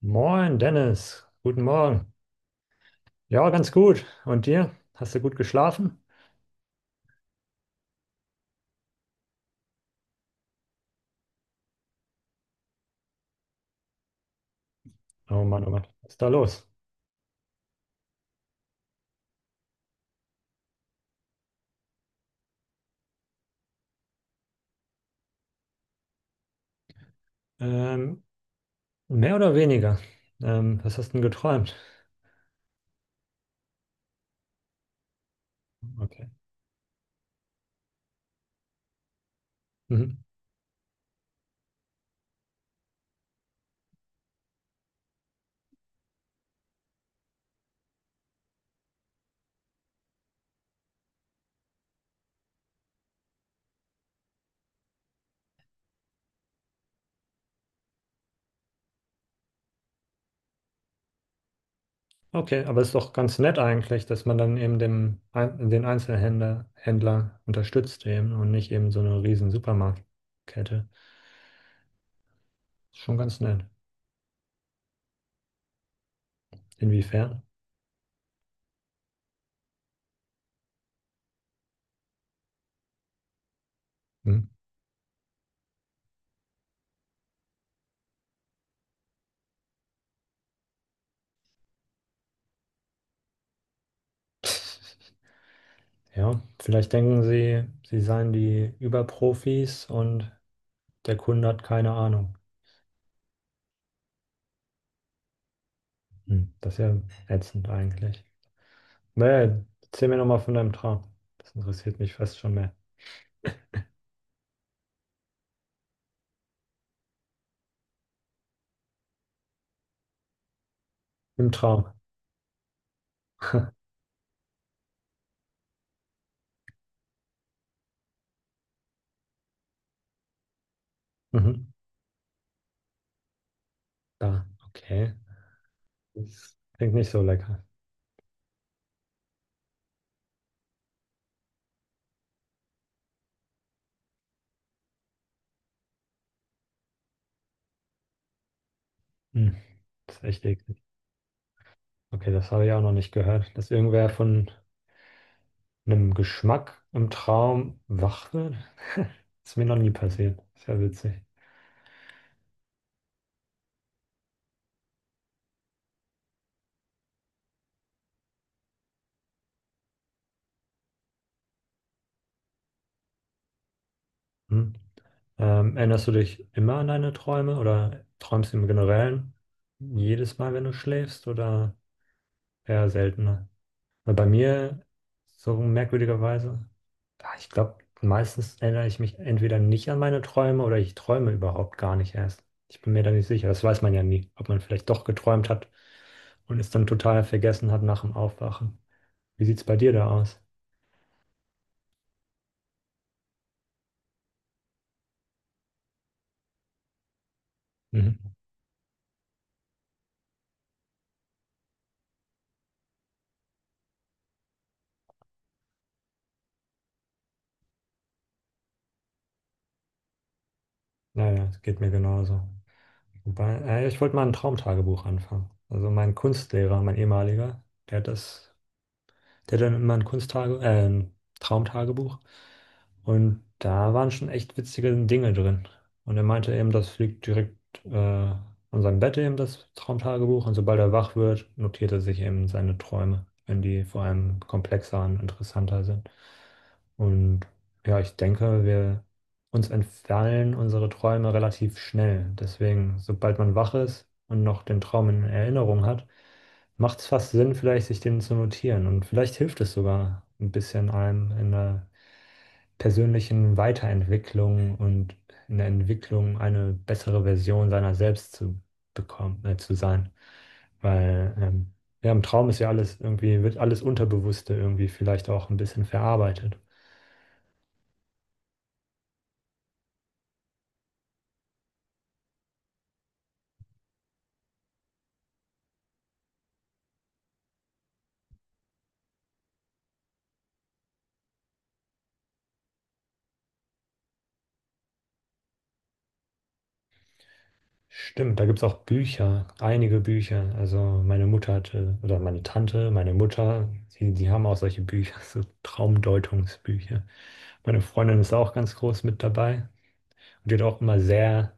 Moin, Dennis. Guten Morgen. Ja, ganz gut. Und dir? Hast du gut geschlafen? Oh Mann, was ist da los? Ähm, mehr oder weniger? Was hast du denn geträumt? Okay. Mhm. Okay, aber ist doch ganz nett eigentlich, dass man dann eben dem, den Einzelhändler Händler unterstützt eben und nicht eben so eine riesen Supermarktkette. Ist schon ganz nett. Inwiefern? Mhm. Ja, vielleicht denken sie, sie seien die Überprofis und der Kunde hat keine Ahnung. Hm, das ist ja ätzend eigentlich. Naja, erzähl mir nochmal von deinem Traum. Das interessiert mich fast schon mehr. Im Traum. Mhm. Da, okay. Das klingt nicht so lecker. Hm. Das ist echt eklig. Okay, das habe ich auch noch nicht gehört, dass irgendwer von einem Geschmack im Traum wach wird. Ist mir noch nie passiert. Ist ja witzig. Hm. Erinnerst du dich immer an deine Träume oder träumst du im Generellen jedes Mal, wenn du schläfst oder eher seltener? Weil bei mir, so merkwürdigerweise, ich glaube, meistens erinnere ich mich entweder nicht an meine Träume oder ich träume überhaupt gar nicht erst. Ich bin mir da nicht sicher. Das weiß man ja nie, ob man vielleicht doch geträumt hat und es dann total vergessen hat nach dem Aufwachen. Wie sieht es bei dir da aus? Mhm. Naja, es geht mir genauso. Wobei, ich wollte mal ein Traumtagebuch anfangen. Also mein Kunstlehrer, mein ehemaliger, der hat das. Der hat dann immer ein ein Traumtagebuch. Und da waren schon echt witzige Dinge drin. Und er meinte eben, das liegt direkt an seinem Bett eben, das Traumtagebuch. Und sobald er wach wird, notiert er sich eben seine Träume, wenn die vor allem komplexer und interessanter sind. Und ja, ich denke, wir uns entfallen unsere Träume relativ schnell. Deswegen, sobald man wach ist und noch den Traum in Erinnerung hat, macht es fast Sinn, vielleicht sich den zu notieren. Und vielleicht hilft es sogar ein bisschen einem in der persönlichen Weiterentwicklung und in der Entwicklung eine bessere Version seiner selbst zu zu sein. Weil ja, im Traum ist ja alles irgendwie, wird alles Unterbewusste irgendwie vielleicht auch ein bisschen verarbeitet. Stimmt, da gibt es auch Bücher, einige Bücher. Also meine Mutter hatte, oder meine Tante, meine Mutter, die haben auch solche Bücher, so Traumdeutungsbücher. Meine Freundin ist auch ganz groß mit dabei und die hat auch immer sehr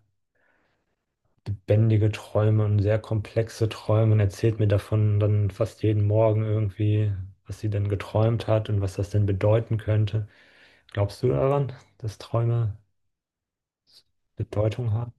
lebendige Träume und sehr komplexe Träume und erzählt mir davon dann fast jeden Morgen irgendwie, was sie denn geträumt hat und was das denn bedeuten könnte. Glaubst du daran, dass Träume Bedeutung haben?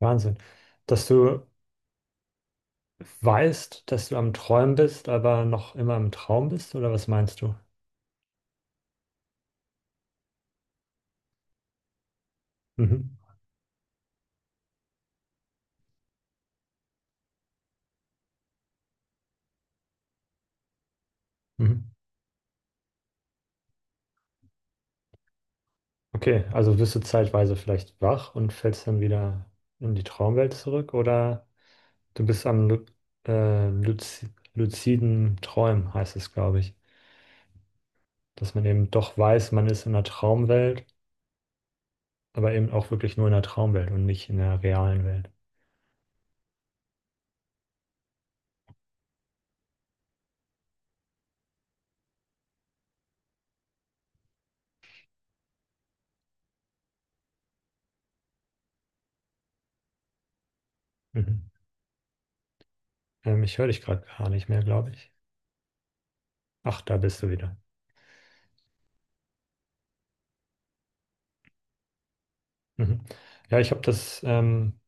Wahnsinn. Dass du weißt, dass du am Träumen bist, aber noch immer im Traum bist, oder was meinst du? Mhm. Mhm. Okay, also wirst du zeitweise vielleicht wach und fällst dann wieder in die Traumwelt zurück, oder du bist luziden Träumen, heißt es, glaube ich. Dass man eben doch weiß, man ist in der Traumwelt, aber eben auch wirklich nur in der Traumwelt und nicht in der realen Welt. Mhm. Ich höre dich gerade gar nicht mehr, glaube ich. Ach, da bist du wieder. Mhm. Ja, ich habe das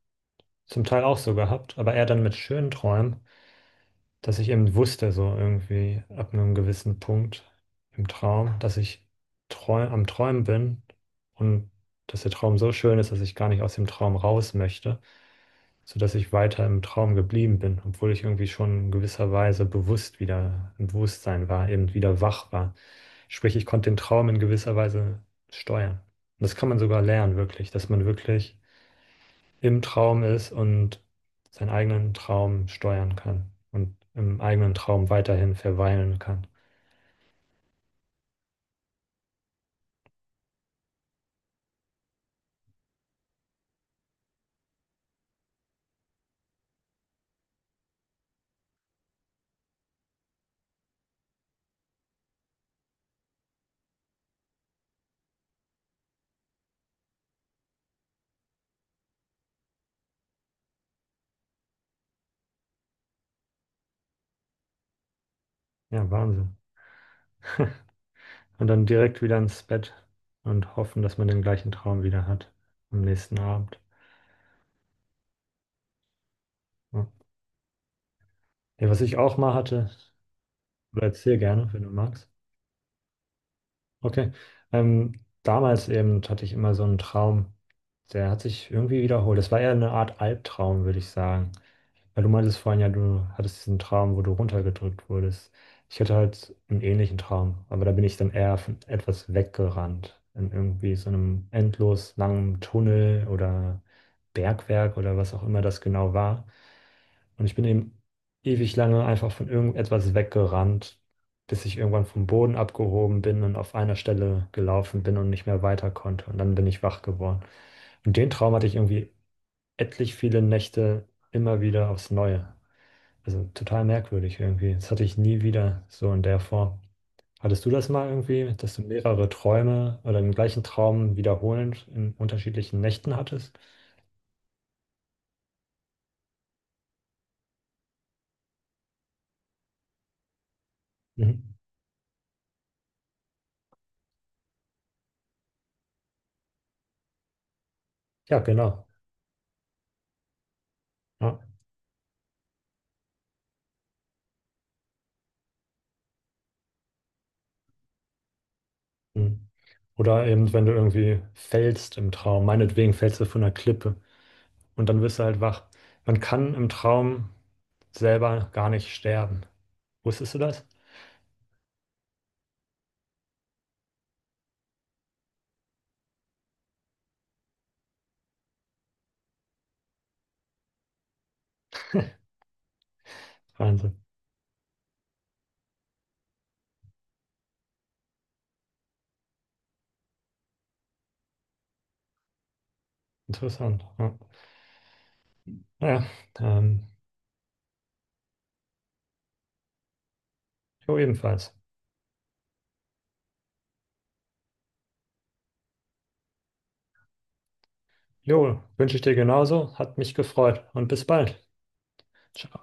zum Teil auch so gehabt, aber eher dann mit schönen Träumen, dass ich eben wusste, so irgendwie ab einem gewissen Punkt im Traum, dass ich träu am Träumen bin und dass der Traum so schön ist, dass ich gar nicht aus dem Traum raus möchte, sodass ich weiter im Traum geblieben bin, obwohl ich irgendwie schon in gewisser Weise bewusst wieder im Bewusstsein war, eben wieder wach war. Sprich, ich konnte den Traum in gewisser Weise steuern. Und das kann man sogar lernen, wirklich, dass man wirklich im Traum ist und seinen eigenen Traum steuern kann und im eigenen Traum weiterhin verweilen kann. Ja, Wahnsinn. Und dann direkt wieder ins Bett und hoffen, dass man den gleichen Traum wieder hat am nächsten Abend. Ja. Ja, was ich auch mal hatte, oder erzähl gerne, wenn du magst. Okay. Ähm, damals eben hatte ich immer so einen Traum, der hat sich irgendwie wiederholt. Das war eher eine Art Albtraum, würde ich sagen. Weil du meintest vorhin ja, du hattest diesen Traum, wo du runtergedrückt wurdest. Ich hatte halt einen ähnlichen Traum, aber da bin ich dann eher von etwas weggerannt. In irgendwie so einem endlos langen Tunnel oder Bergwerk oder was auch immer das genau war. Und ich bin eben ewig lange einfach von irgendetwas weggerannt, bis ich irgendwann vom Boden abgehoben bin und auf einer Stelle gelaufen bin und nicht mehr weiter konnte. Und dann bin ich wach geworden. Und den Traum hatte ich irgendwie etlich viele Nächte immer wieder aufs Neue. Also total merkwürdig irgendwie. Das hatte ich nie wieder so in der Form. Hattest du das mal irgendwie, dass du mehrere Träume oder den gleichen Traum wiederholend in unterschiedlichen Nächten hattest? Mhm. Ja, genau. Ja. Mhm. Oder eben, wenn du irgendwie fällst im Traum, meinetwegen fällst du von einer Klippe und dann wirst du halt wach. Man kann im Traum selber gar nicht sterben. Wusstest du das? Wahnsinn. Interessant. Ja. Naja, ähm, Jo, ebenfalls. Jo, wünsche ich dir genauso. Hat mich gefreut und bis bald. Ciao.